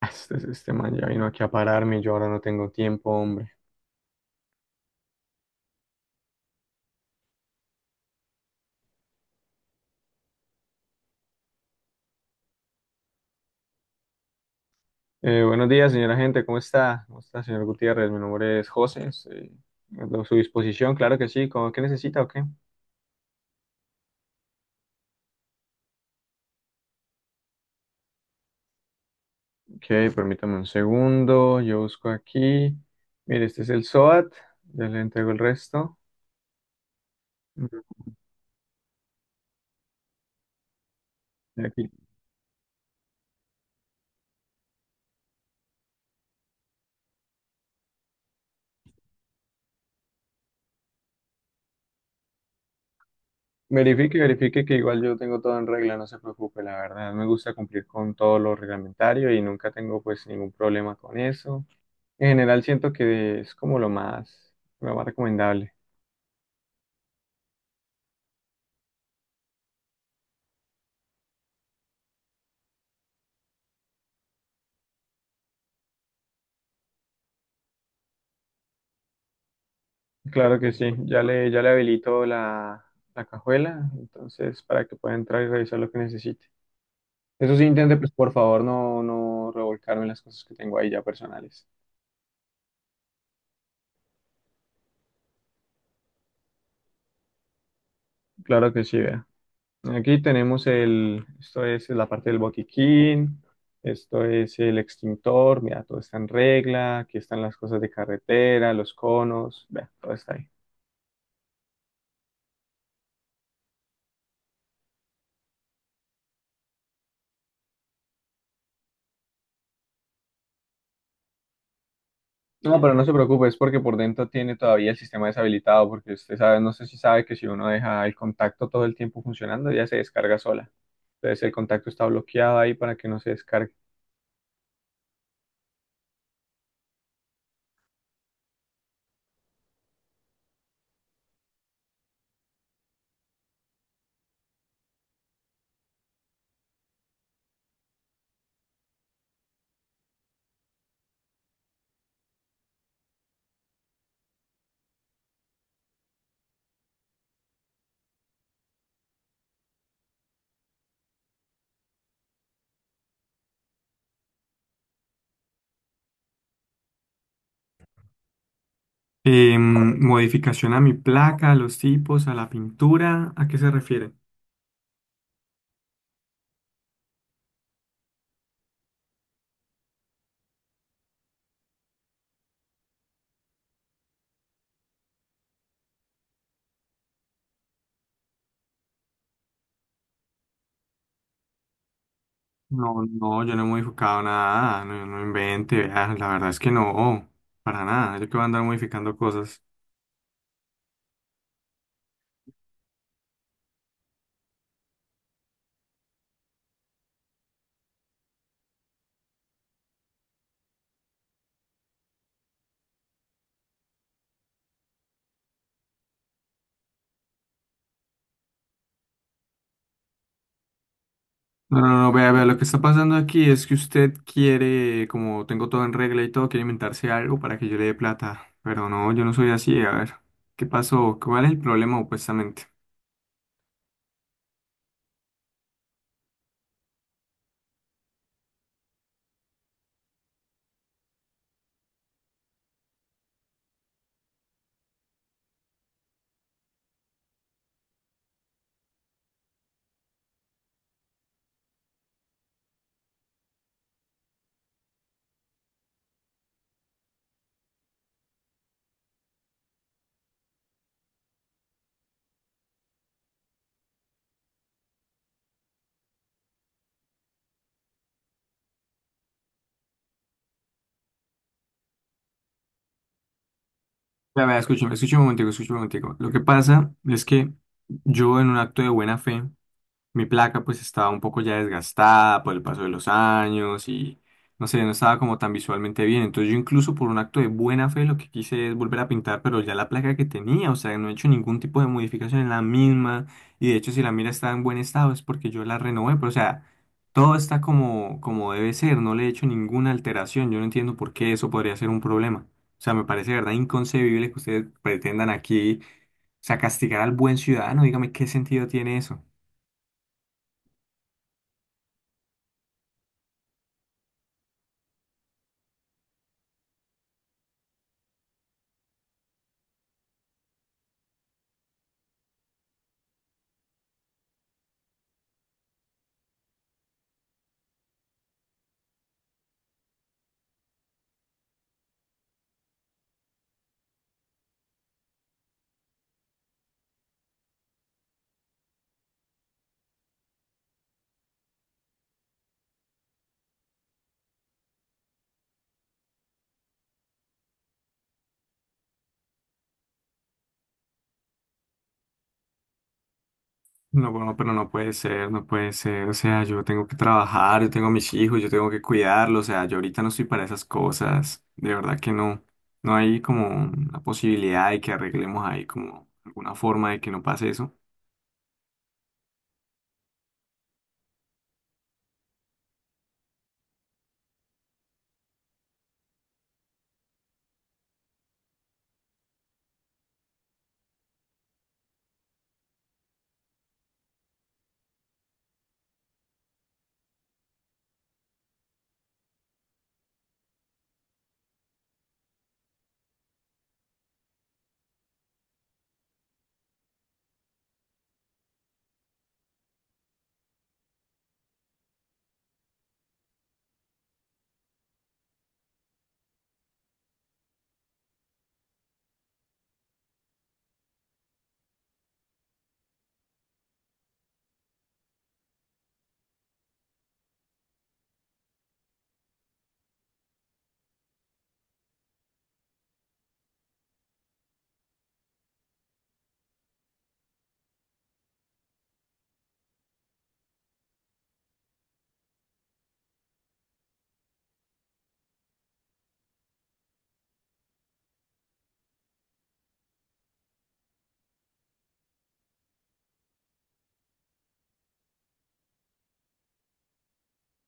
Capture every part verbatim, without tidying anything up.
Este, este man ya vino aquí a pararme y yo ahora no tengo tiempo, hombre. Eh, buenos días, señora gente, ¿cómo está? ¿Cómo está, señor Gutiérrez? Mi nombre es José, estoy a su disposición, claro que sí. ¿Cómo- ¿Qué necesita o qué? Ok, permítame un segundo, yo busco aquí. Mire, este es el SOAT, ya le entrego el resto. Mm, y aquí. Verifique, verifique que igual yo tengo todo en regla, no se preocupe, la verdad. Me gusta cumplir con todo lo reglamentario y nunca tengo pues ningún problema con eso. En general siento que es como lo más, lo más recomendable. Claro que sí, ya le, ya le habilito la, la cajuela, entonces para que pueda entrar y revisar lo que necesite. Eso sí, intente, pues por favor, no, no revolcarme las cosas que tengo ahí ya personales. Claro que sí, vea. Aquí tenemos el, esto es la parte del botiquín, esto es el extintor, mira, todo está en regla, aquí están las cosas de carretera, los conos, vea, todo está ahí. No, pero no se preocupe, es porque por dentro tiene todavía el sistema deshabilitado, porque usted sabe, no sé si sabe que si uno deja el contacto todo el tiempo funcionando, ya se descarga sola. Entonces el contacto está bloqueado ahí para que no se descargue. Eh, modificación a mi placa, a los tipos, a la pintura, ¿a qué se refiere? No, no, yo no he modificado nada, no, no invente, vea, la verdad es que no, para nada, yo que voy a andar modificando cosas. No, no, no, vea, vea, lo que está pasando aquí es que usted quiere, como tengo todo en regla y todo, quiere inventarse algo para que yo le dé plata. Pero no, yo no soy así, a ver, ¿qué pasó? ¿Cuál es el problema opuestamente? Vea, vea, escúcheme, escúcheme un momentico, escúcheme un momentico. Lo que pasa es que yo en un acto de buena fe, mi placa pues estaba un poco ya desgastada por el paso de los años y no sé, no estaba como tan visualmente bien. Entonces yo incluso por un acto de buena fe lo que quise es volver a pintar, pero ya la placa que tenía, o sea, no he hecho ningún tipo de modificación en la misma y de hecho si la mira está en buen estado es porque yo la renové, pero o sea, todo está como, como debe ser, no le he hecho ninguna alteración. Yo no entiendo por qué eso podría ser un problema. O sea, me parece de verdad inconcebible que ustedes pretendan aquí, o sea, castigar al buen ciudadano. Dígame qué sentido tiene eso. No, bueno, pero no puede ser, no puede ser. O sea, yo tengo que trabajar, yo tengo a mis hijos, yo tengo que cuidarlos. O sea, yo ahorita no estoy para esas cosas. De verdad que no. No hay como una posibilidad de que arreglemos ahí como alguna forma de que no pase eso.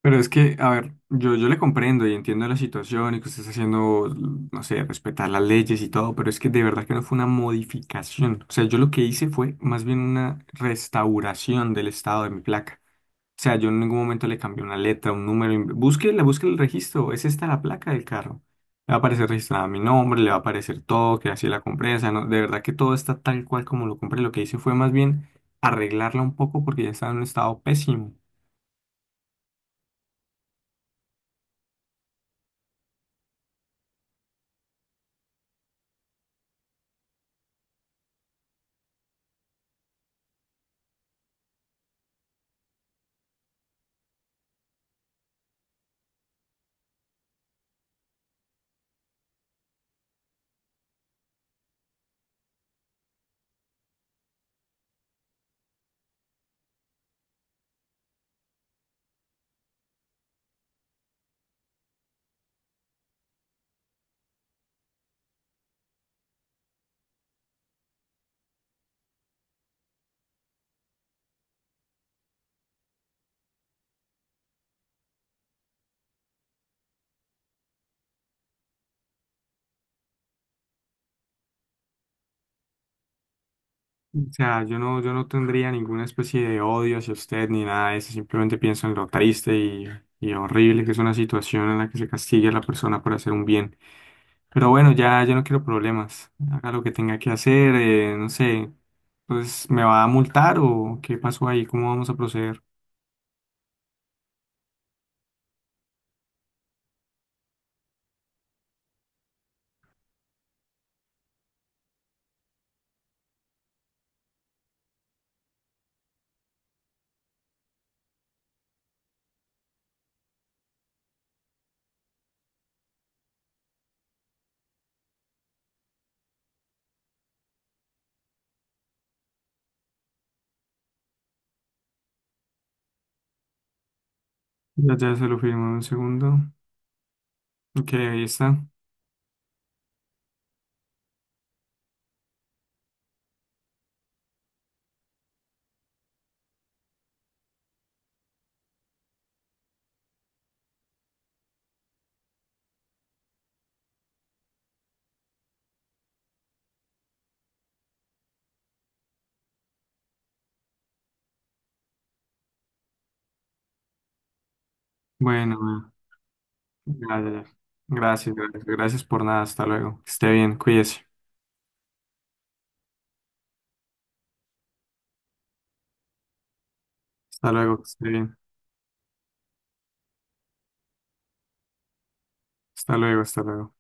Pero es que, a ver, yo, yo le comprendo y entiendo la situación y que usted está haciendo, no sé, respetar las leyes y todo, pero es que de verdad que no fue una modificación. O sea, yo lo que hice fue más bien una restauración del estado de mi placa. O sea, yo en ningún momento le cambié una letra, un número. in- Búsquele, busque el registro. Es esta la placa del carro. Le va a aparecer registrada mi nombre, le va a aparecer todo, que así la compré. O sea, no, de verdad que todo está tal cual como lo compré. Lo que hice fue más bien arreglarla un poco porque ya estaba en un estado pésimo. O sea, yo no, yo no tendría ninguna especie de odio hacia usted ni nada de eso. Simplemente pienso en lo triste y, y horrible que es una situación en la que se castigue a la persona por hacer un bien. Pero bueno, ya, ya no quiero problemas. Haga lo que tenga que hacer, eh, no sé. Pues, ¿me va a multar o qué pasó ahí? ¿Cómo vamos a proceder? Ya, ya se lo firmo en un segundo. Ok, ahí está. Bueno, ya, ya, ya. Gracias, gracias, gracias por nada. Hasta luego. Que esté bien, cuídese. Hasta luego, que esté bien. Hasta luego, hasta luego.